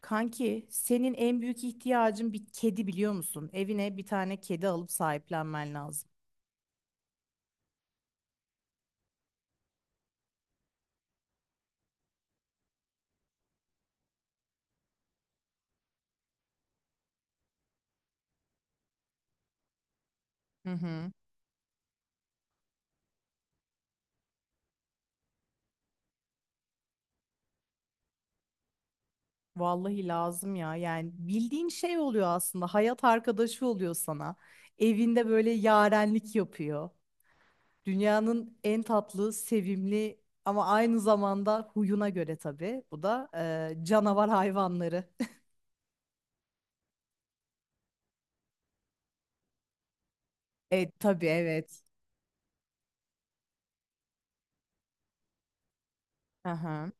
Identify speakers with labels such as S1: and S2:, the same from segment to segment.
S1: Kanki, senin en büyük ihtiyacın bir kedi biliyor musun? Evine bir tane kedi alıp sahiplenmen lazım. Hı hı. Vallahi lazım ya. Yani bildiğin şey oluyor aslında. Hayat arkadaşı oluyor sana. Evinde böyle yarenlik yapıyor. Dünyanın en tatlı, sevimli ama aynı zamanda huyuna göre tabii. Bu da canavar hayvanları. E tabii evet. Aha.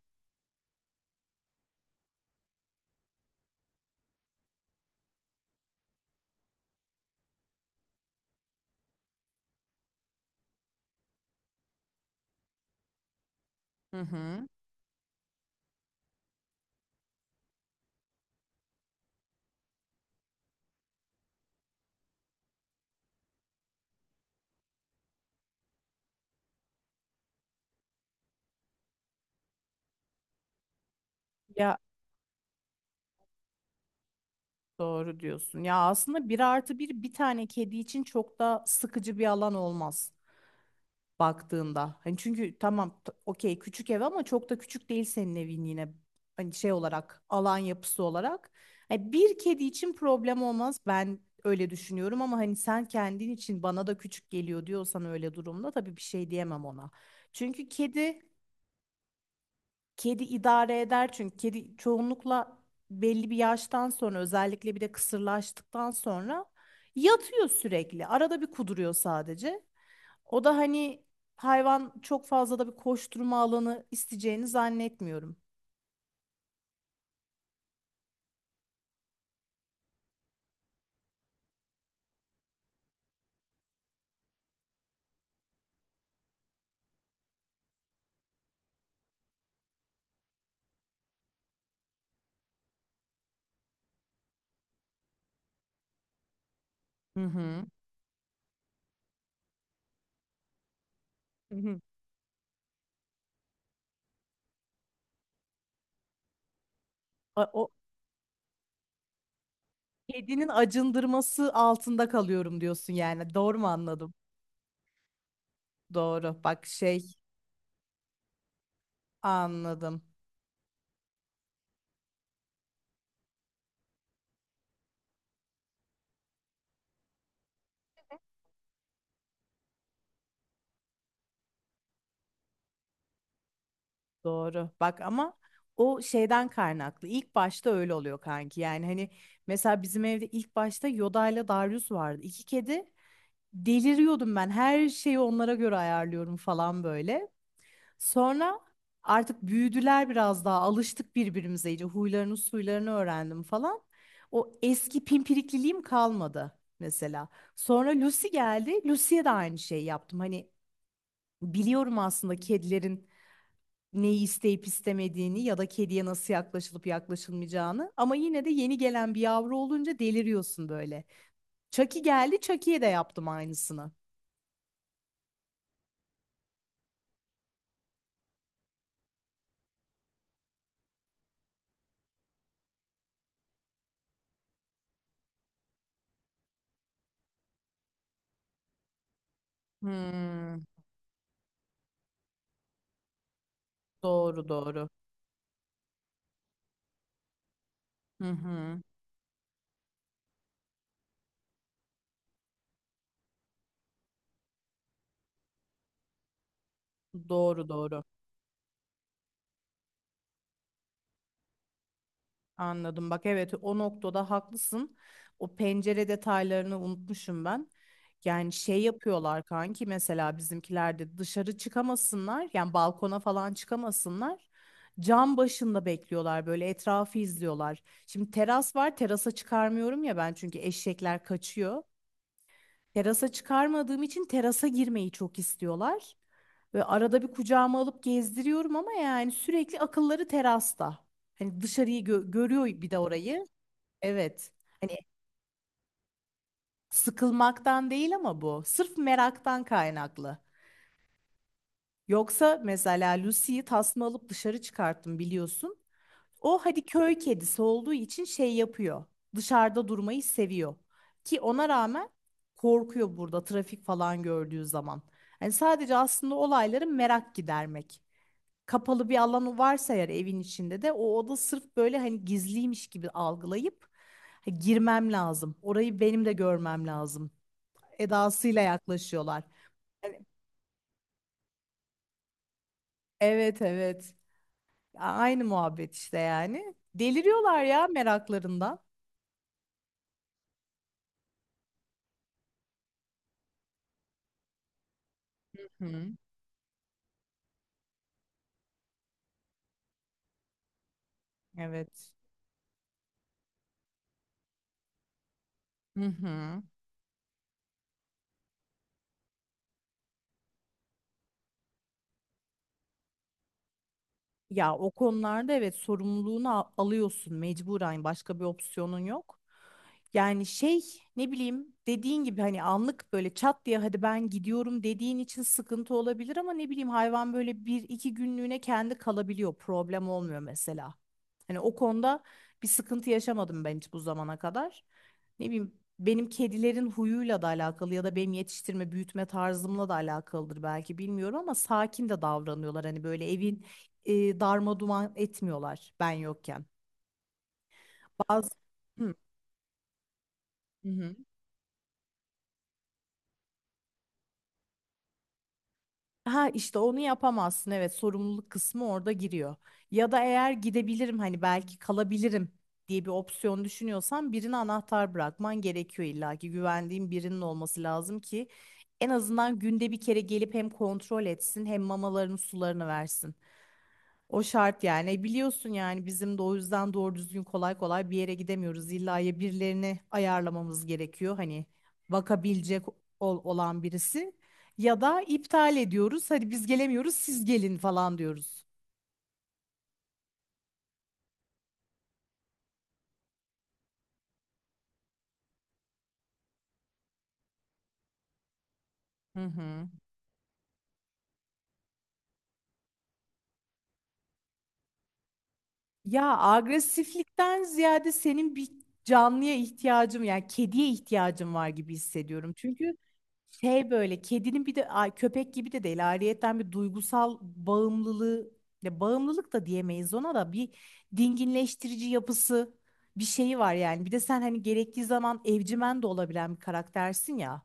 S1: Hı hı. Hı. Ya, doğru diyorsun. Ya aslında bir artı bir bir tane kedi için çok da sıkıcı bir alan olmaz baktığında. Hani çünkü tamam okey küçük ev ama çok da küçük değil senin evin yine, hani şey olarak, alan yapısı olarak. Hani bir kedi için problem olmaz, ben öyle düşünüyorum ama hani sen kendin için bana da küçük geliyor diyorsan öyle durumda tabii bir şey diyemem ona. Çünkü kedi Kedi idare eder çünkü kedi çoğunlukla belli bir yaştan sonra, özellikle bir de kısırlaştıktan sonra yatıyor sürekli. Arada bir kuduruyor sadece. O da hani, hayvan çok fazla da bir koşturma alanı isteyeceğini zannetmiyorum. Hı hı. Hı hı. A- O kedinin acındırması altında kalıyorum diyorsun yani. Doğru mu anladım? Doğru. Bak şey, anladım. Doğru. Bak ama o şeyden kaynaklı. İlk başta öyle oluyor kanki. Yani hani mesela bizim evde ilk başta Yoda ile Darius vardı. İki kedi. Deliriyordum ben. Her şeyi onlara göre ayarlıyorum falan böyle. Sonra artık büyüdüler biraz daha. Alıştık birbirimize iyice. Huylarını suylarını öğrendim falan. O eski pimpirikliliğim kalmadı mesela. Sonra Lucy geldi. Lucy'ye de aynı şeyi yaptım. Hani biliyorum aslında kedilerin neyi isteyip istemediğini ya da kediye nasıl yaklaşılıp yaklaşılmayacağını. Ama yine de yeni gelen bir yavru olunca deliriyorsun böyle. Chucky geldi, Chucky'ye de yaptım aynısını. Hmm, doğru doğru. Hı hı, doğru doğru. Anladım. Bak evet, o noktada haklısın. O pencere detaylarını unutmuşum ben. Yani şey yapıyorlar kanki, mesela bizimkiler de dışarı çıkamasınlar. Yani balkona falan çıkamasınlar. Cam başında bekliyorlar böyle, etrafı izliyorlar. Şimdi teras var, terasa çıkarmıyorum ya ben çünkü eşekler kaçıyor. Terasa çıkarmadığım için terasa girmeyi çok istiyorlar. Ve arada bir kucağıma alıp gezdiriyorum ama yani sürekli akılları terasta. Hani dışarıyı görüyor bir de orayı. Evet. Hani sıkılmaktan değil ama bu. Sırf meraktan kaynaklı. Yoksa mesela Lucy'yi tasma alıp dışarı çıkarttım biliyorsun. O hadi köy kedisi olduğu için şey yapıyor. Dışarıda durmayı seviyor. Ki ona rağmen korkuyor burada trafik falan gördüğü zaman. Yani sadece aslında olayları merak gidermek. Kapalı bir alanı varsa eğer evin içinde de o oda sırf böyle hani gizliymiş gibi algılayıp "Ha, girmem lazım. Orayı benim de görmem lazım." Edasıyla yaklaşıyorlar. Yani, evet evet. Aynı muhabbet işte yani. Deliriyorlar ya meraklarından. Hı. Evet. Hı hı. Ya o konularda evet, sorumluluğunu alıyorsun mecburen, başka bir opsiyonun yok. Yani şey, ne bileyim, dediğin gibi hani anlık böyle çat diye hadi ben gidiyorum dediğin için sıkıntı olabilir ama ne bileyim, hayvan böyle bir iki günlüğüne kendi kalabiliyor, problem olmuyor mesela. Hani o konuda bir sıkıntı yaşamadım ben hiç bu zamana kadar. Ne bileyim, benim kedilerin huyuyla da alakalı ya da benim yetiştirme büyütme tarzımla da alakalıdır belki, bilmiyorum ama sakin de davranıyorlar. Hani böyle evin darma duman etmiyorlar ben yokken. Bazı, hı. Hı hı. Ha işte onu yapamazsın. Evet, sorumluluk kısmı orada giriyor. Ya da eğer gidebilirim, hani belki kalabilirim diye bir opsiyon düşünüyorsan birine anahtar bırakman gerekiyor, illa ki güvendiğin birinin olması lazım ki en azından günde bir kere gelip hem kontrol etsin, hem mamalarını sularını versin. O şart yani. E, biliyorsun yani bizim de o yüzden doğru düzgün kolay kolay bir yere gidemiyoruz. İlla ya birilerini ayarlamamız gerekiyor, hani bakabilecek olan birisi, ya da iptal ediyoruz. Hadi biz gelemiyoruz, siz gelin falan diyoruz. Hı hı. Ya agresiflikten ziyade senin bir canlıya ihtiyacım, yani kediye ihtiyacım var gibi hissediyorum. Çünkü şey, böyle kedinin bir de ay, köpek gibi de değil, ayrıyetten bir duygusal bağımlılığı, ya bağımlılık da diyemeyiz ona, da bir dinginleştirici yapısı bir şeyi var yani. Bir de sen hani gerektiği zaman evcimen de olabilen bir karaktersin ya.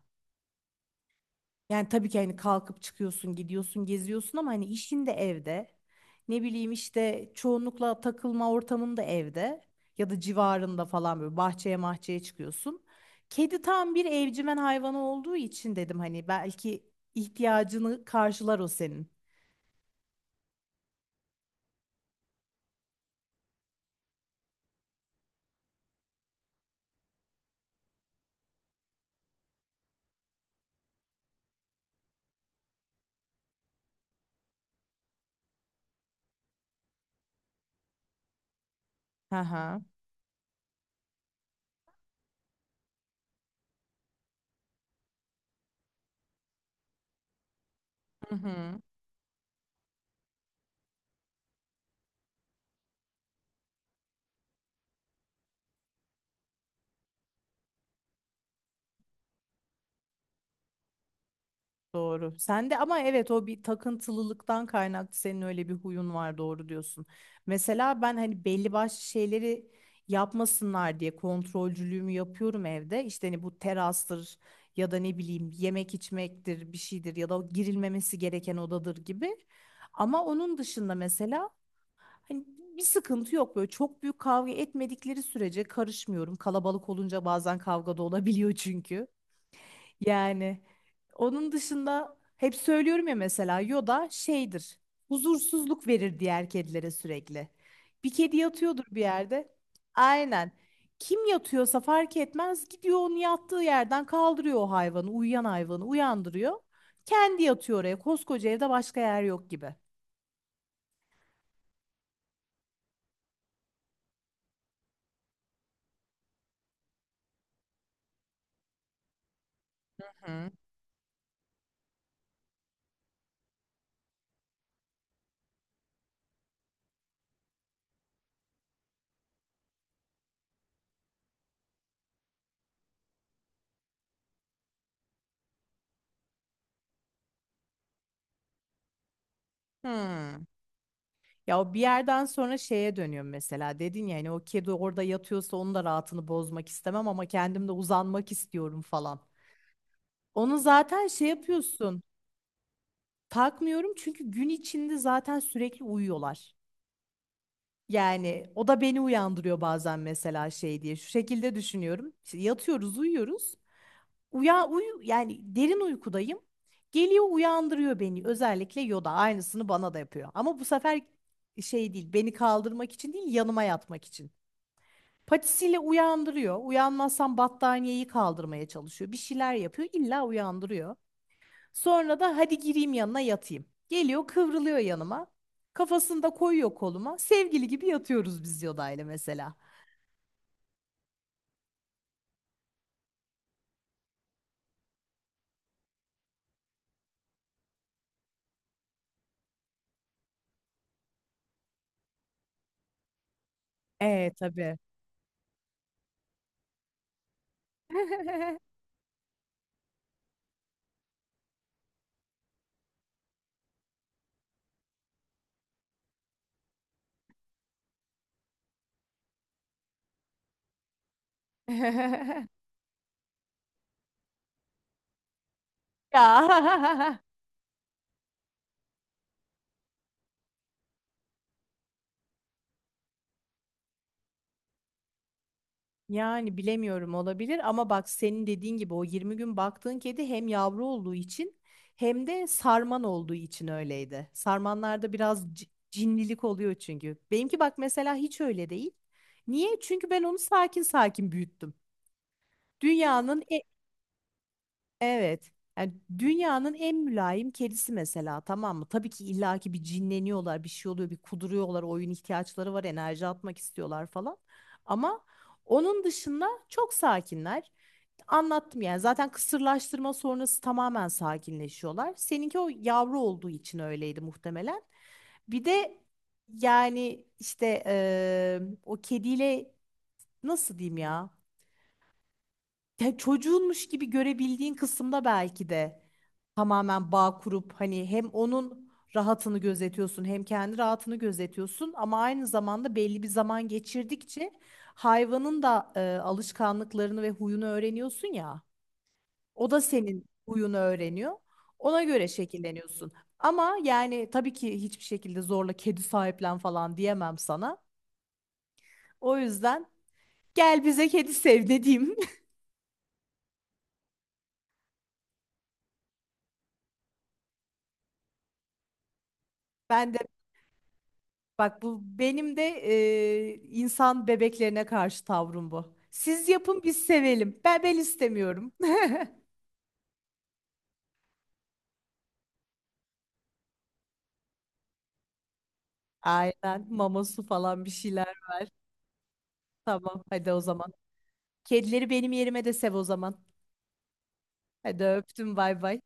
S1: Yani tabii ki hani kalkıp çıkıyorsun, gidiyorsun, geziyorsun ama hani işin de evde. Ne bileyim işte çoğunlukla takılma ortamın da evde ya da civarında falan, böyle bahçeye mahçeye çıkıyorsun. Kedi tam bir evcimen hayvanı olduğu için dedim, hani belki ihtiyacını karşılar o senin. Hı hı. Hı hı. Doğru. Sen de ama evet, o bir takıntılılıktan kaynaklı, senin öyle bir huyun var, doğru diyorsun. Mesela ben hani belli başlı şeyleri yapmasınlar diye kontrolcülüğümü yapıyorum evde. İşte hani bu terastır ya da ne bileyim yemek içmektir, bir şeydir ya da girilmemesi gereken odadır gibi. Ama onun dışında mesela, hani, bir sıkıntı yok böyle, çok büyük kavga etmedikleri sürece karışmıyorum. Kalabalık olunca bazen kavga da olabiliyor çünkü. Yani onun dışında hep söylüyorum ya, mesela Yoda şeydir. Huzursuzluk verir diğer kedilere sürekli. Bir kedi yatıyordur bir yerde. Aynen. Kim yatıyorsa fark etmez, gidiyor onun yattığı yerden kaldırıyor o hayvanı, uyuyan hayvanı uyandırıyor. Kendi yatıyor oraya. Koskoca evde başka yer yok gibi. Hı. Hı. Ya o bir yerden sonra şeye dönüyorum mesela. Dedin ya hani o kedi orada yatıyorsa onun da rahatını bozmak istemem ama kendim de uzanmak istiyorum falan. Onu zaten şey yapıyorsun. Takmıyorum, çünkü gün içinde zaten sürekli uyuyorlar. Yani o da beni uyandırıyor bazen, mesela şey diye. Şu şekilde düşünüyorum. İşte yatıyoruz, uyuyoruz. Uyu yani, derin uykudayım. Geliyor uyandırıyor beni. Özellikle Yoda aynısını bana da yapıyor. Ama bu sefer şey değil, beni kaldırmak için değil, yanıma yatmak için. Patisiyle uyandırıyor. Uyanmazsam battaniyeyi kaldırmaya çalışıyor. Bir şeyler yapıyor, illa uyandırıyor. Sonra da hadi gireyim yanına yatayım. Geliyor kıvrılıyor yanıma. Kafasını da koyuyor koluma. Sevgili gibi yatıyoruz biz Yoda'yla mesela. E tabii. Ya yani bilemiyorum, olabilir ama bak senin dediğin gibi o 20 gün baktığın kedi hem yavru olduğu için hem de sarman olduğu için öyleydi. Sarmanlarda biraz cinlilik oluyor çünkü. Benimki bak mesela hiç öyle değil. Niye? Çünkü ben onu sakin sakin büyüttüm. Dünyanın, evet. Yani dünyanın en mülayim kedisi mesela, tamam mı? Tabii ki illaki bir cinleniyorlar, bir şey oluyor, bir kuduruyorlar, oyun ihtiyaçları var, enerji atmak istiyorlar falan. Ama onun dışında çok sakinler. Anlattım yani, zaten kısırlaştırma sonrası tamamen sakinleşiyorlar. Seninki o yavru olduğu için öyleydi muhtemelen. Bir de yani işte o kediyle nasıl diyeyim ya? Ya çocuğunmuş gibi görebildiğin kısımda belki de tamamen bağ kurup hani hem onun rahatını gözetiyorsun, hem kendi rahatını gözetiyorsun ama aynı zamanda belli bir zaman geçirdikçe hayvanın da alışkanlıklarını ve huyunu öğreniyorsun ya. O da senin huyunu öğreniyor. Ona göre şekilleniyorsun. Ama yani tabii ki hiçbir şekilde zorla kedi sahiplen falan diyemem sana. O yüzden gel bize, kedi sev ne. Ben de. Bak bu benim de insan bebeklerine karşı tavrım bu. Siz yapın biz sevelim. Ben istemiyorum. Aynen, mama su falan bir şeyler. Tamam hadi o zaman. Kedileri benim yerime de sev o zaman. Hadi öptüm, bay bay.